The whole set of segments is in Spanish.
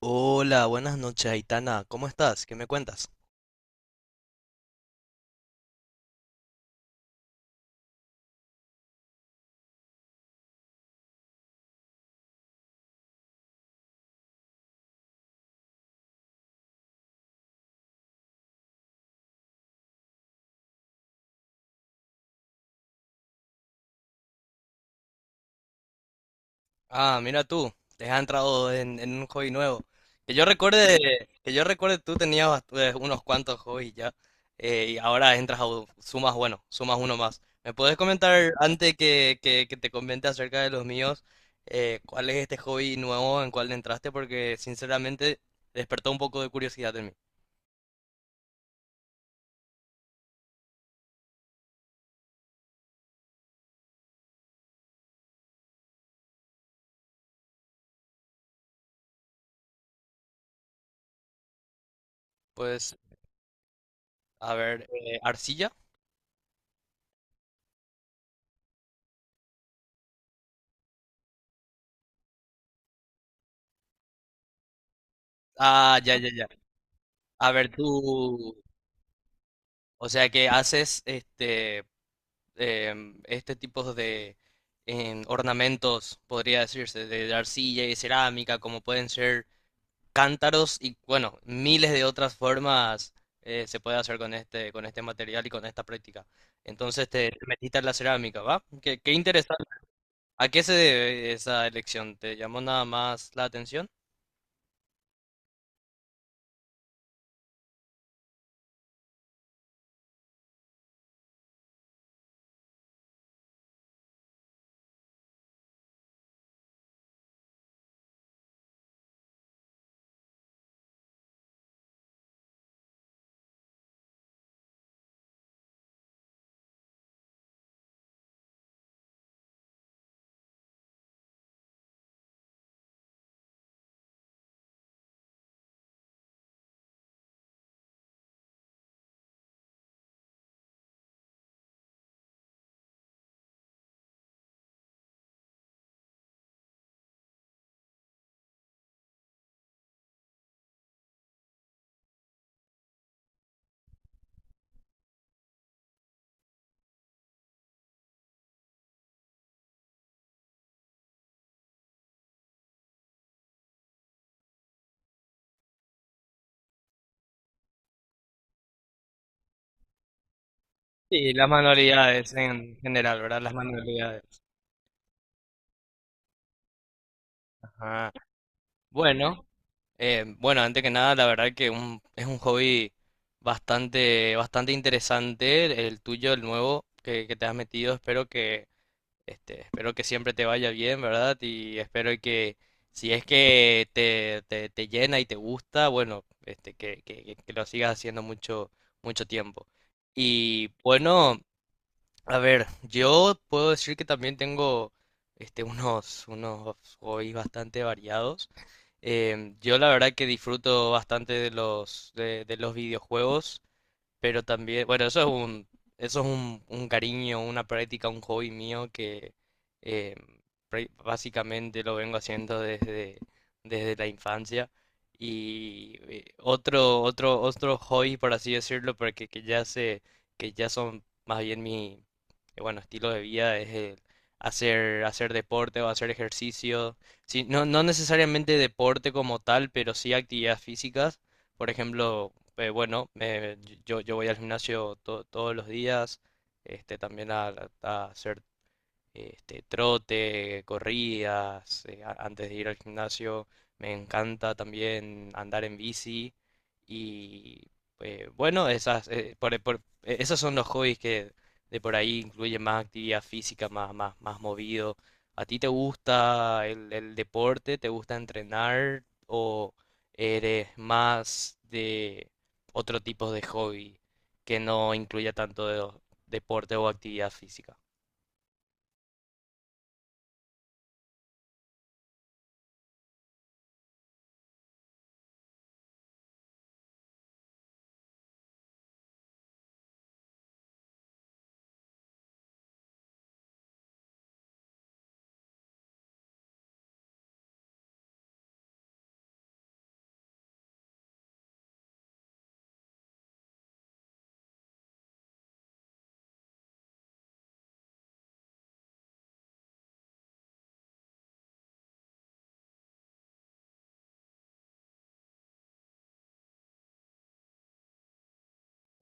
Hola, buenas noches, Aitana. ¿Cómo estás? ¿Qué me cuentas? Ah, mira tú, te has entrado en un hobby nuevo. Que yo recuerde tú tenías unos cuantos hobbies ya, y ahora entras a sumas, bueno, sumas uno más. ¿Me puedes comentar antes que te comente acerca de los míos, cuál es este hobby nuevo en cuál entraste? Porque sinceramente despertó un poco de curiosidad en mí. Pues, a ver, arcilla. Ah, ya, ya, ya. A ver, tú. O sea que haces este tipo de ornamentos, podría decirse, de arcilla y cerámica, como pueden ser cántaros y bueno, miles de otras formas se puede hacer con este material y con esta práctica. Entonces te metiste en la cerámica, ¿va? Qué, qué interesante. ¿A qué se debe esa elección? ¿Te llamó nada más la atención? Sí, las manualidades en general, ¿verdad? Las manualidades. Ajá. Bueno. Bueno, antes que nada, la verdad que es un hobby bastante, bastante interesante, el tuyo, el nuevo que te has metido. Espero que, espero que siempre te vaya bien, ¿verdad? Y espero que si es que te llena y te gusta, bueno, que lo sigas haciendo mucho, mucho tiempo. Y bueno. A ver, yo puedo decir que también tengo unos hobbies bastante variados. Yo la verdad que disfruto bastante de los videojuegos. Pero también, bueno, eso es un cariño, una práctica, un hobby mío que eh, básicamente lo vengo haciendo desde, desde la infancia. Y otro hobby, por así decirlo, pero que ya son más bien mi, bueno, estilo de vida, es el hacer, hacer deporte o hacer ejercicio. Sí, no, no necesariamente deporte como tal, pero sí actividades físicas. Por ejemplo, yo voy al gimnasio todos los días, también a hacer trote, corridas, antes de ir al gimnasio. Me encanta también andar en bici. Y eh, bueno, esas, eh, por- por- esos son los hobbies que de por ahí incluyen más actividad física, más, más, más movido. ¿A ti te gusta el deporte? ¿Te gusta entrenar? ¿O eres más de otro tipo de hobby que no incluya tanto deporte o actividad física?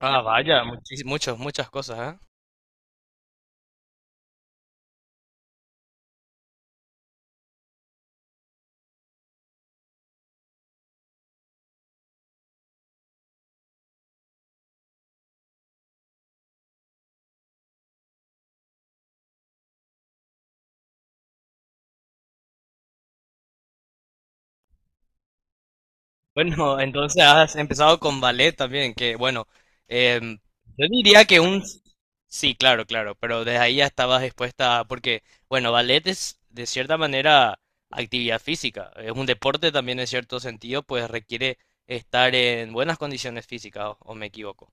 Ah, vaya, muchos, muchas cosas, ¿eh? Bueno, entonces has empezado con ballet también, que bueno, em, yo diría que un... Sí, claro, claro, pero desde ahí ya estabas expuesta, porque bueno, ballet es de cierta manera actividad física, es un deporte también en cierto sentido, pues requiere estar en buenas condiciones físicas, o me equivoco.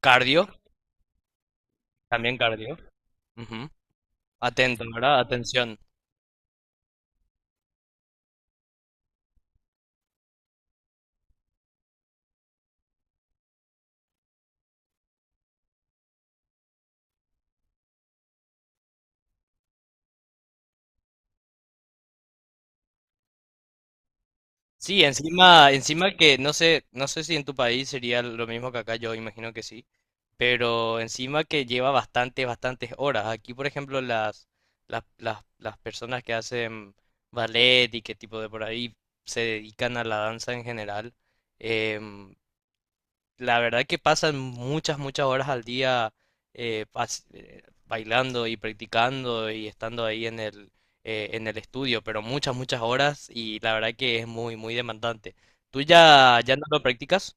Cardio, también cardio. Ujú. Atento, ¿verdad? Atención. Sí, encima, encima que no sé, no sé si en tu país sería lo mismo que acá, yo imagino que sí, pero encima que lleva bastantes, bastantes horas. Aquí, por ejemplo, las personas que hacen ballet y qué tipo de por ahí se dedican a la danza en general, em, la verdad que pasan muchas, muchas horas al día bailando y practicando y estando ahí en el estudio, pero muchas, muchas horas y la verdad que es muy, muy demandante. ¿Tú ya no lo practicas?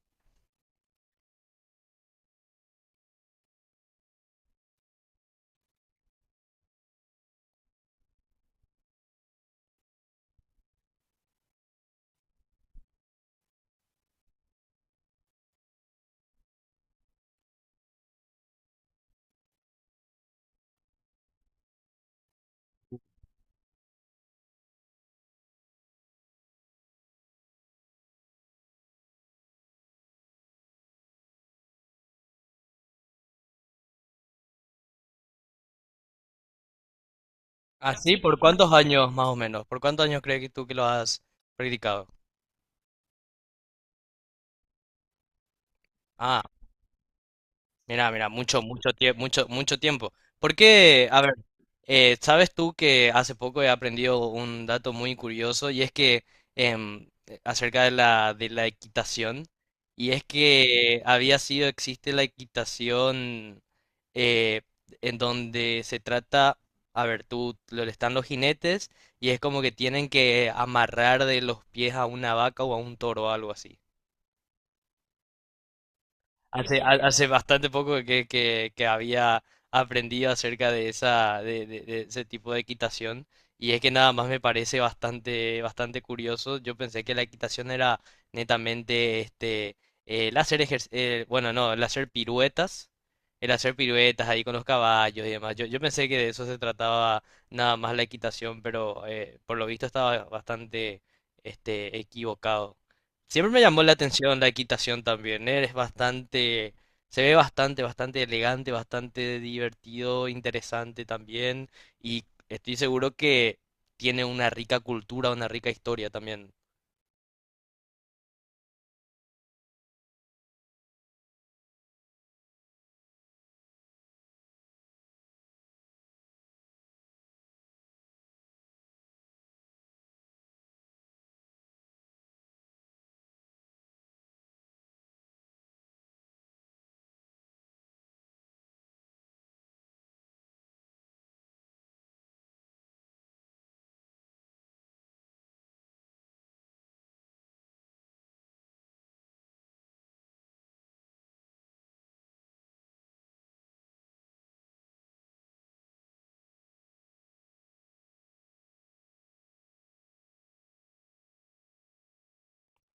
¿Así? ¿Por cuántos años más o menos? ¿Por cuántos años crees que tú que lo has practicado? Ah, mira, mira, mucho, mucho tiempo, mucho, mucho tiempo. Porque, a ver, sabes tú que hace poco he aprendido un dato muy curioso y es que acerca de de la equitación, y es que había sido, existe la equitación eh, en donde se trata, a ver, tú, están los jinetes y es como que tienen que amarrar de los pies a una vaca o a un toro o algo así. Hace, hace bastante poco que había aprendido acerca de esa, de ese tipo de equitación. Y es que nada más me parece bastante, bastante curioso. Yo pensé que la equitación era netamente el hacer ejer- bueno, no, el hacer piruetas ahí con los caballos y demás. Yo pensé que de eso se trataba nada más la equitación, pero por lo visto estaba bastante equivocado. Siempre me llamó la atención la equitación también, ¿eh? Eres bastante, se ve bastante, bastante elegante, bastante divertido, interesante también. Y estoy seguro que tiene una rica cultura, una rica historia también.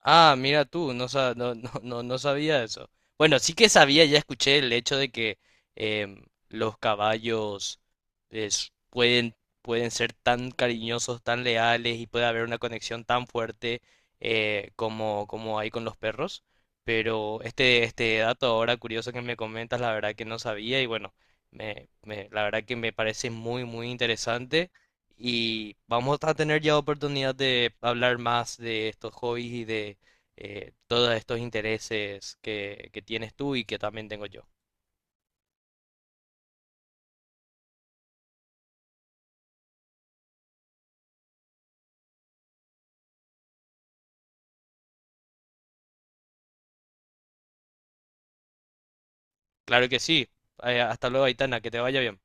Ah, mira tú, no, no, no, no, no sabía eso. Bueno, sí que sabía, ya escuché el hecho de que em, los caballos pueden, pueden ser tan cariñosos, tan leales y puede haber una conexión tan fuerte como, como hay con los perros. Pero este dato ahora curioso que me comentas, la verdad que no sabía y bueno, la verdad que me parece muy, muy interesante. Y vamos a tener ya oportunidad de hablar más de estos hobbies y de todos estos intereses que tienes tú y que también tengo yo. Claro que sí. Hasta luego, Aitana, que te vaya bien.